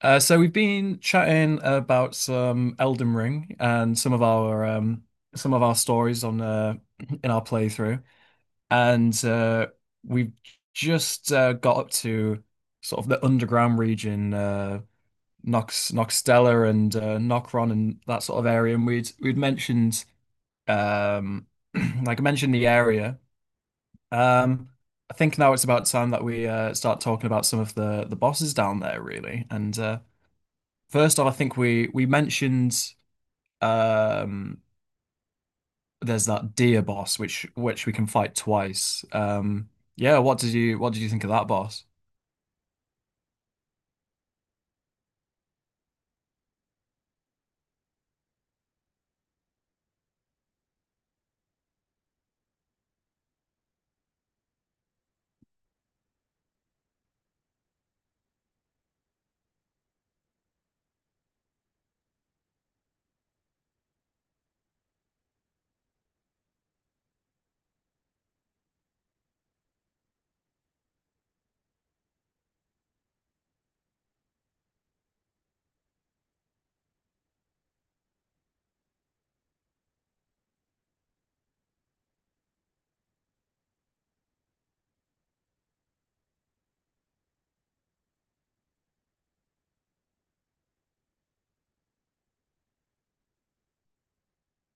So we've been chatting about some Elden Ring and some of our stories on in our playthrough, and we've just got up to sort of the underground region, Nox Noxtella and Nokron and that sort of area, and we'd mentioned um, like I mentioned the area. Um, I think now it's about time that we start talking about some of the bosses down there, really, and. First off, I think we mentioned um there's that deer boss which we can fight twice. Yeah, what did you think of that boss?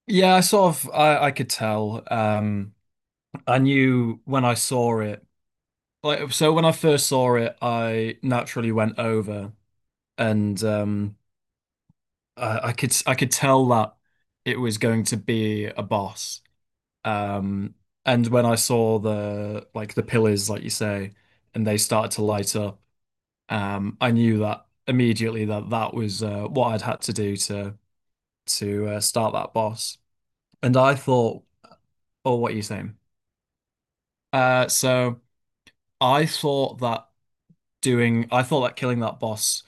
Yeah, I sort of I could tell. I knew when I saw it. Like so when I first saw it, I naturally went over and I could I could tell that it was going to be a boss. Um and when I saw the pillars, like you say, and they started to light up. I knew that immediately that that was what I'd had to do to start that boss. And I thought, oh, what are you saying? So I thought I thought that killing that boss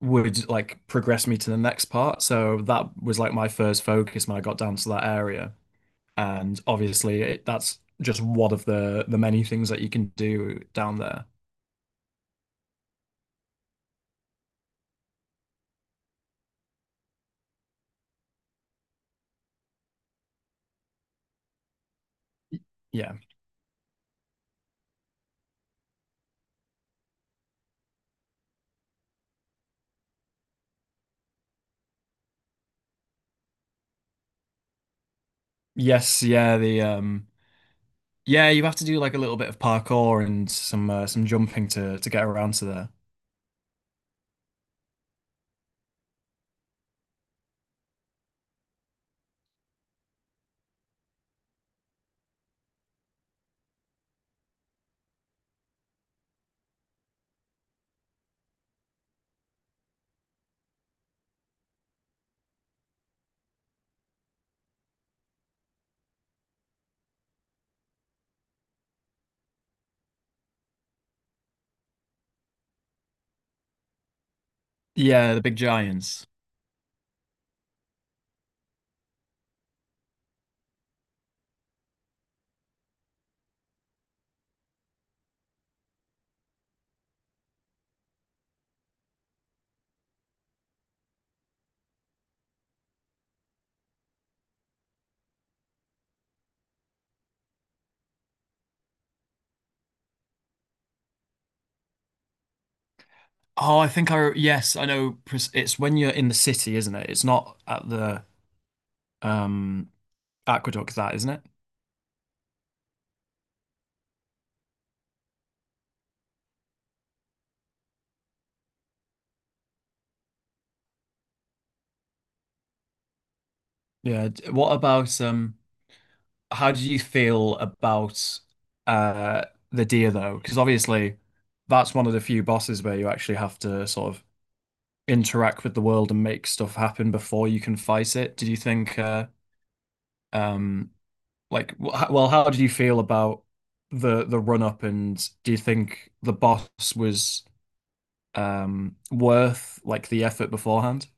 would like progress me to the next part. So that was like my first focus when I got down to that area. And obviously, that's just one of the many things that you can do down there. Yeah. Yes. Yeah. The Yeah, you have to do like a little bit of parkour and some jumping to get around to there. Yeah, the big giants. Oh, I think I yes, I know. It's when you're in the city, isn't it? It's not at the um aqueduct, that, isn't it? Yeah. What about? How do you feel about uh the deer though? Because obviously, that's one of the few bosses where you actually have to sort of interact with the world and make stuff happen before you can fight it. Did you think? Um, like, well, how did you feel about the run up, and do you think the boss was worth like the effort beforehand?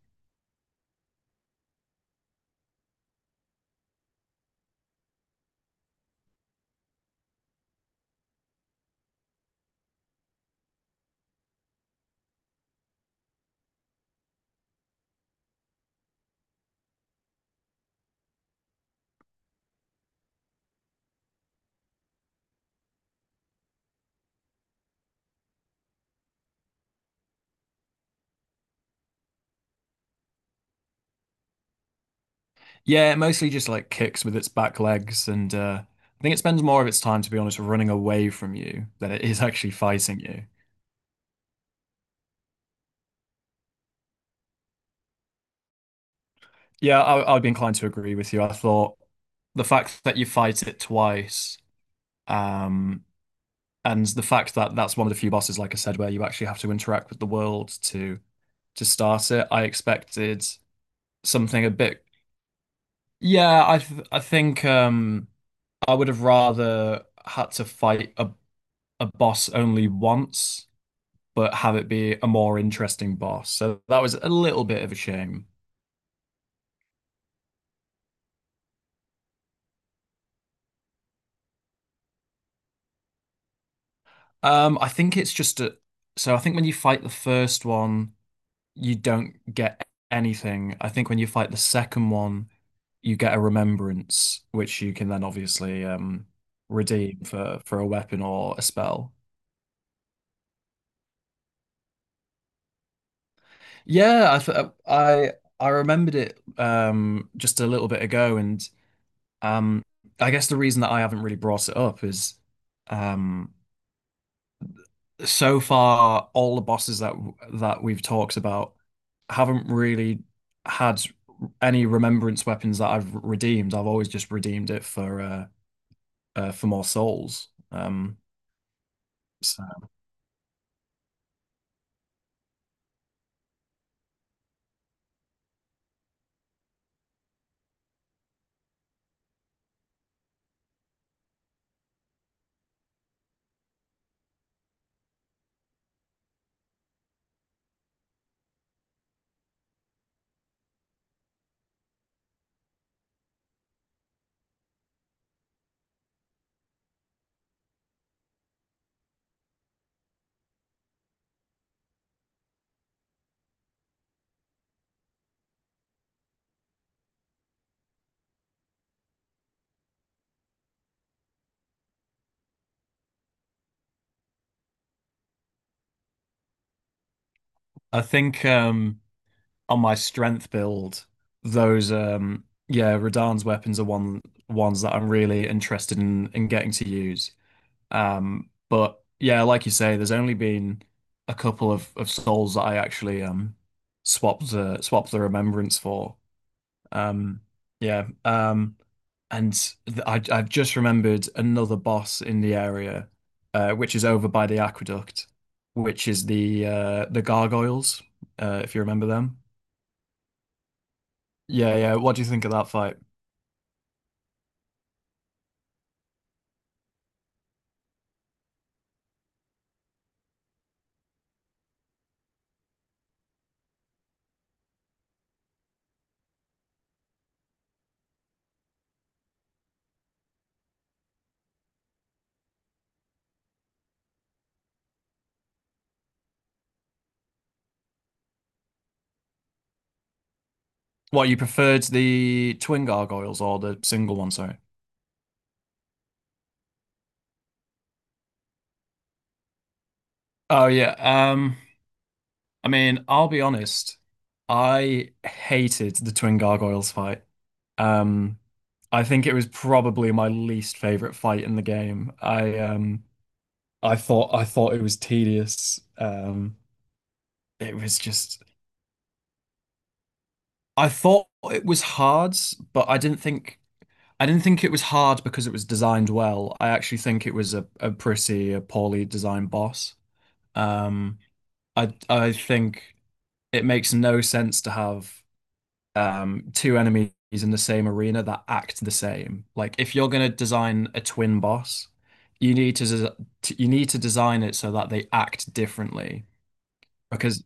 Yeah, it mostly just like kicks with its back legs, and I think it spends more of its time, to be honest, running away from you than it is actually fighting you. Yeah, I'd be inclined to agree with you. I thought the fact that you fight it twice, um, and the fact that that's one of the few bosses, like I said, where you actually have to interact with the world to start it. I expected something a bit. Yeah, I think I would have rather had to fight a boss only once, but have it be a more interesting boss. So that was a little bit of a shame. I think it's just a. So I think when you fight the first one. You don't get anything. I think when you fight the second one, you get a remembrance, which you can then obviously redeem for a weapon or a spell. Yeah, I th- I remembered it just a little bit ago, and um I guess the reason that I haven't really brought it up is um. so far all the bosses that we've talked about haven't really had any remembrance weapons that I've redeemed. I've always just redeemed it for more souls. So I think on my strength build those yeah Radahn's weapons are ones that I'm really interested in getting to use. But yeah, like you say, there's only been a couple of souls that I actually swapped the remembrance for. Um, yeah. Um, and th I I've just remembered another boss in the area, which is over by the aqueduct, which is the gargoyles, if you remember them. Yeah, yeah. What do you think of that fight? What, you preferred the twin gargoyles or the single one, sorry? Oh yeah. I mean, I'll be honest. I hated the Twin Gargoyles fight. Um, I think it was probably my least favorite fight in the game. I thought it was tedious. It was just I thought it was hard, but I didn't think it was hard because it was designed well. I actually think it was a pretty a poorly designed boss. Um, I think it makes no sense to have. Two enemies in the same arena that act the same. Like if you're gonna design a twin boss, you need to you need to design it so that they act differently. Because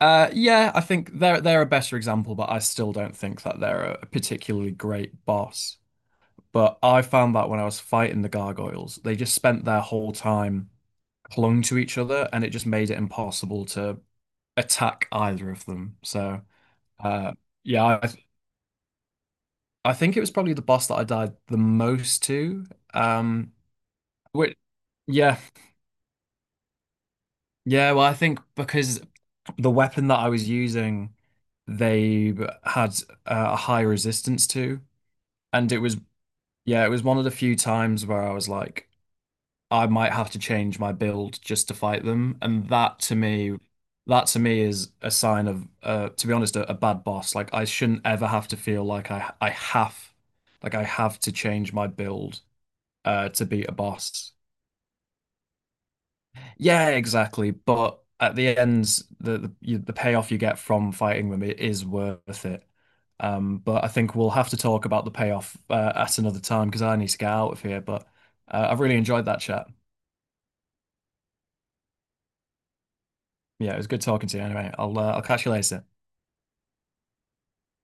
yeah, I think they're a better example, but I still don't think that they're a particularly great boss. But I found that when I was fighting the gargoyles, they just spent their whole time clung to each other, and it just made it impossible to attack either of them. So uh, yeah, I think it was probably the boss that I died the most to. Um, which, yeah, yeah. Well, I think because the weapon that I was using, they had a high resistance to, and it was yeah, it was one of the few times where I was like, I might have to change my build just to fight them, and that to me is a sign of, to be honest, a bad boss. Like I shouldn't ever have to feel like I have, like I have to change my build to beat a boss. Yeah, exactly. But at the end, the payoff you get from fighting them it is worth it. But I think we'll have to talk about the payoff at another time because I need to get out of here. But I've really enjoyed that chat. Yeah, it was good talking to you. Anyway, I'll catch you later.